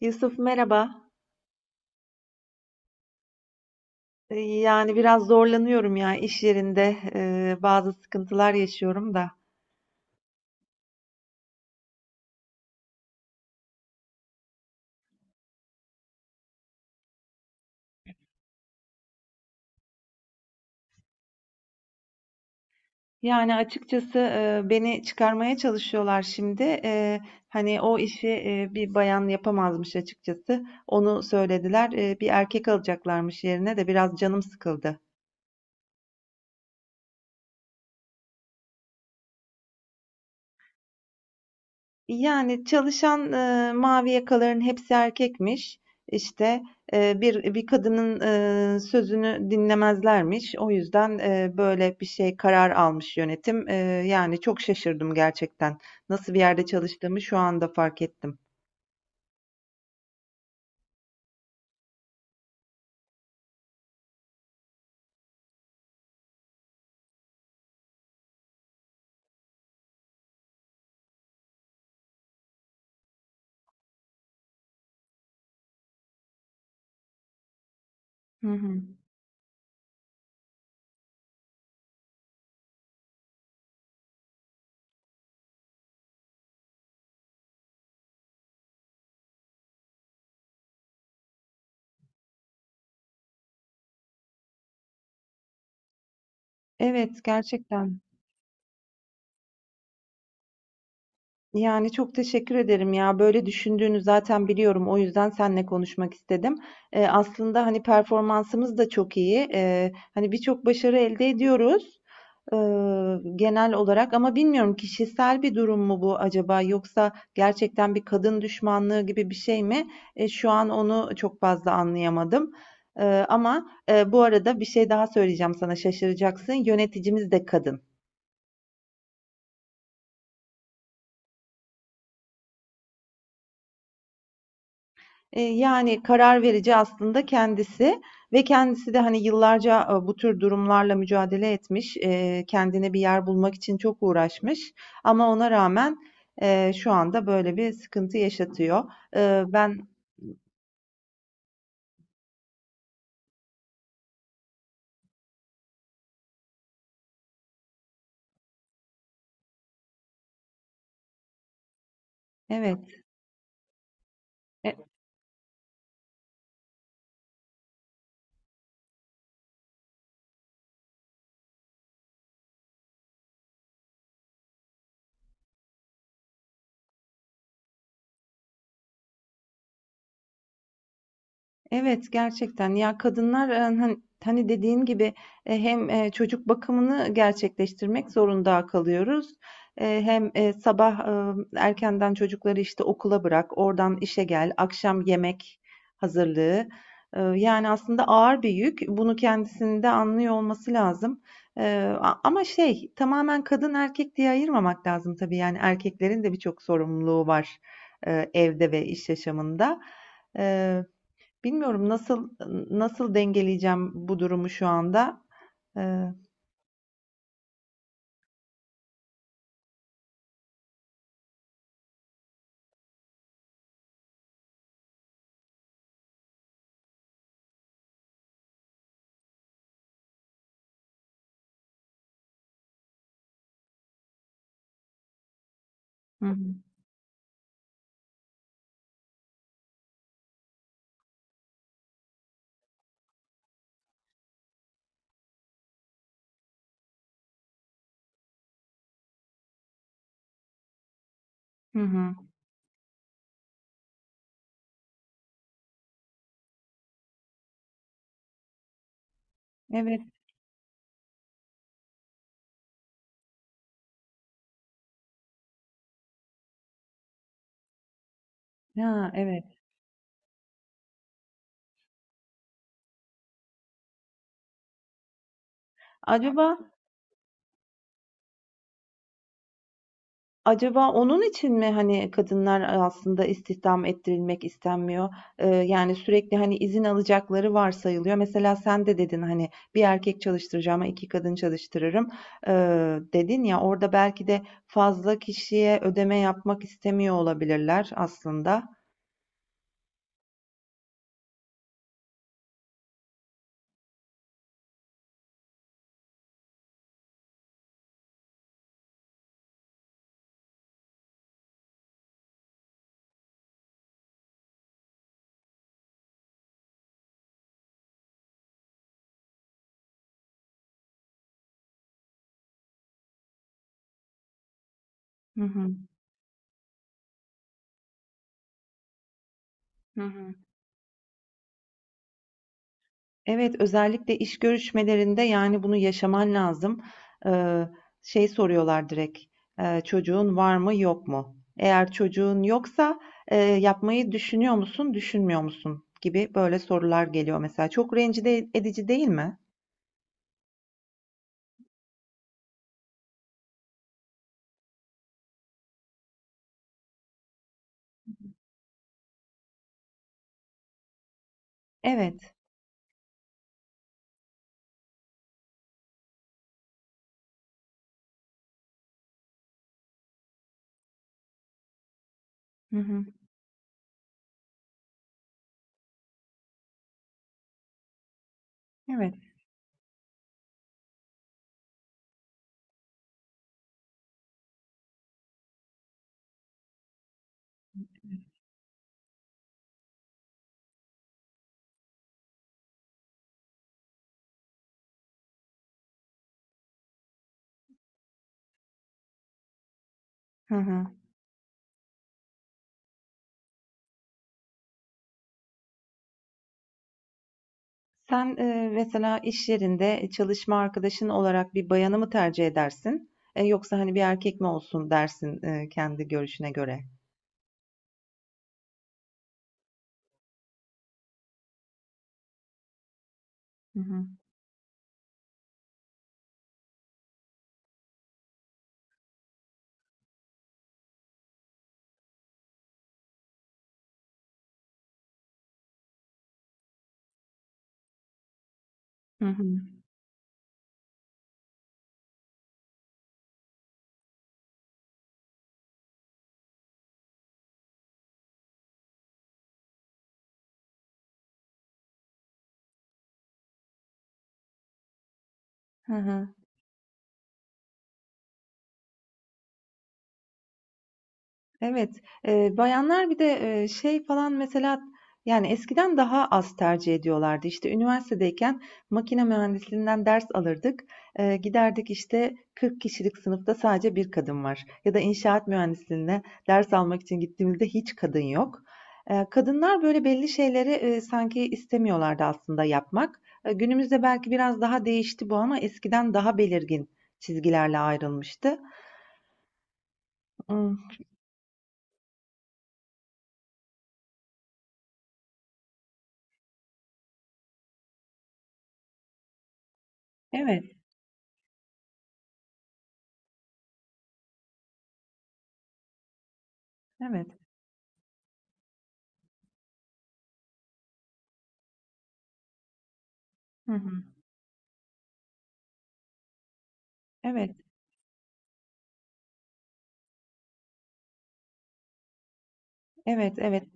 Yusuf merhaba. Yani biraz zorlanıyorum ya iş yerinde bazı sıkıntılar yaşıyorum da. Yani açıkçası beni çıkarmaya çalışıyorlar şimdi. Hani o işi bir bayan yapamazmış açıkçası. Onu söylediler. Bir erkek alacaklarmış yerine de biraz canım sıkıldı. Yani, çalışan, mavi yakaların hepsi erkekmiş. İşte, bir kadının, sözünü dinlemezlermiş. O yüzden, böyle bir şey karar almış yönetim. Yani çok şaşırdım gerçekten. Nasıl bir yerde çalıştığımı şu anda fark ettim. Hı hı. Evet, gerçekten. Yani, çok teşekkür ederim ya. Böyle düşündüğünü zaten biliyorum. O yüzden seninle konuşmak istedim. Aslında, hani, performansımız da çok iyi. Hani, birçok başarı elde ediyoruz, genel olarak ama bilmiyorum kişisel bir durum mu bu acaba yoksa gerçekten bir kadın düşmanlığı gibi bir şey mi? Şu an onu çok fazla anlayamadım. Ama bu arada bir şey daha söyleyeceğim sana, şaşıracaksın. Yöneticimiz de kadın. Yani karar verici aslında kendisi ve kendisi de, hani, yıllarca, bu tür durumlarla mücadele etmiş, kendine bir yer bulmak için çok uğraşmış ama ona rağmen, şu anda böyle bir sıkıntı yaşatıyor. Ben Evet. E Evet gerçekten ya kadınlar hani, hani dediğin gibi hem çocuk bakımını gerçekleştirmek zorunda kalıyoruz. Hem sabah erkenden çocukları işte okula bırak, oradan işe gel, akşam yemek hazırlığı. Yani aslında ağır bir yük. Bunu kendisinde anlıyor olması lazım. Ama şey tamamen kadın erkek diye ayırmamak lazım tabii. Yani erkeklerin de birçok sorumluluğu var evde ve iş yaşamında. Bilmiyorum nasıl dengeleyeceğim bu durumu şu anda. Eee, hı hı. Hı hı. Evet. Ha, evet. Acaba acaba onun için mi hani kadınlar aslında istihdam ettirilmek istenmiyor? Yani sürekli hani izin alacakları varsayılıyor. Mesela sen de dedin hani bir erkek çalıştıracağıma iki kadın çalıştırırım. Dedin ya orada belki de fazla kişiye ödeme yapmak istemiyor olabilirler aslında. Hı hı. Hı hı. Evet, özellikle iş görüşmelerinde yani bunu yaşaman lazım. Eee, Şey soruyorlar direkt, çocuğun var mı yok mu? Eğer çocuğun yoksa yapmayı düşünüyor musun, düşünmüyor musun gibi böyle sorular geliyor mesela. Çok rencide edici değil mi? Evet. Hı hı. Evet. Hı hı. Sen mesela iş yerinde çalışma arkadaşın olarak bir bayanı mı tercih edersin? Yoksa hani bir erkek mi olsun dersin kendi görüşüne göre? Hı hı. Hı hı. Hı hı. Evet, bayanlar bir de, şey falan mesela, yani, eskiden daha az tercih ediyorlardı. İşte, üniversitedeyken makine mühendisliğinden ders alırdık. Giderdik, işte, 40 kişilik sınıfta sadece bir kadın var ya da inşaat mühendisliğine ders almak için gittiğimizde hiç kadın yok. Kadınlar, böyle, belli şeyleri, sanki istemiyorlardı aslında yapmak. Günümüzde belki biraz daha değişti bu ama eskiden daha belirgin çizgilerle ayrılmıştı. Imm, evet, evet. Hı hı. Evet. Evet, evet.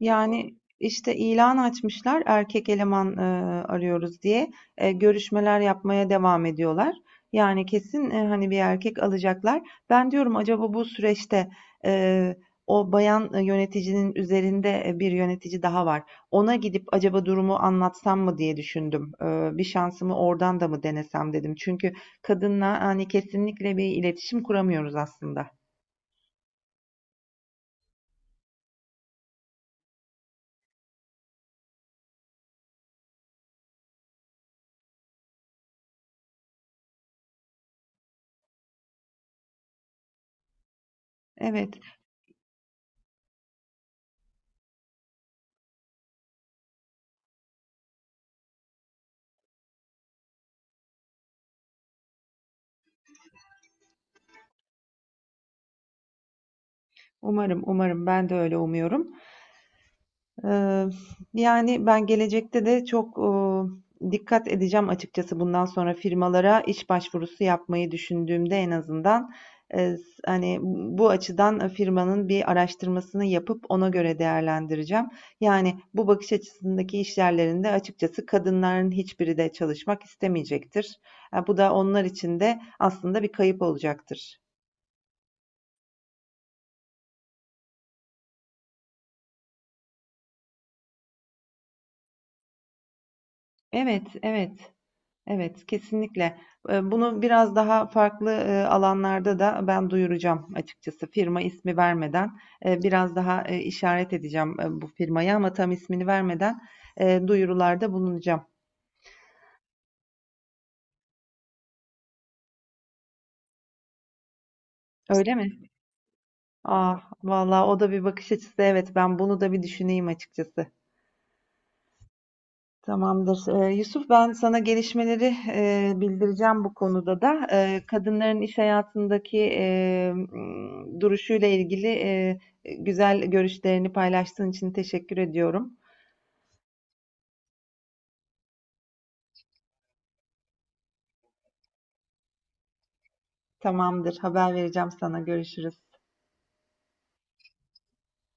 Yani işte ilan açmışlar erkek eleman arıyoruz diye. Görüşmeler yapmaya devam ediyorlar. Yani kesin hani bir erkek alacaklar. Ben diyorum acaba bu süreçte e, o bayan yöneticinin üzerinde bir yönetici daha var. Ona gidip acaba durumu anlatsam mı diye düşündüm. Bir şansımı oradan da mı denesem dedim. Çünkü kadınla hani kesinlikle bir iletişim kuramıyoruz aslında. Evet, umarım, umarım ben de öyle umuyorum. Eee, Yani ben gelecekte de çok, dikkat edeceğim açıkçası bundan sonra firmalara iş başvurusu yapmayı düşündüğümde en azından, s hani, bu açıdan firmanın bir araştırmasını yapıp ona göre değerlendireceğim. Yani bu bakış açısındaki işyerlerinde açıkçası kadınların hiçbiri de çalışmak istemeyecektir. Bu da onlar için de aslında bir kayıp olacaktır. Evet, evet. Evet, kesinlikle. Bunu biraz daha farklı, alanlarda da ben duyuracağım açıkçası. Firma ismi vermeden, biraz daha, işaret edeceğim, bu firmayı ama tam ismini vermeden, duyurularda bulunacağım. Öyle mi? Ah, vallahi o da bir bakış açısı. Evet, ben bunu da bir düşüneyim açıkçası. Tamamdır. Yusuf, ben sana gelişmeleri bildireceğim bu konuda da. Kadınların iş hayatındaki duruşuyla ilgili güzel görüşlerini paylaştığın için teşekkür ediyorum. Tamamdır, haber vereceğim sana. Görüşürüz.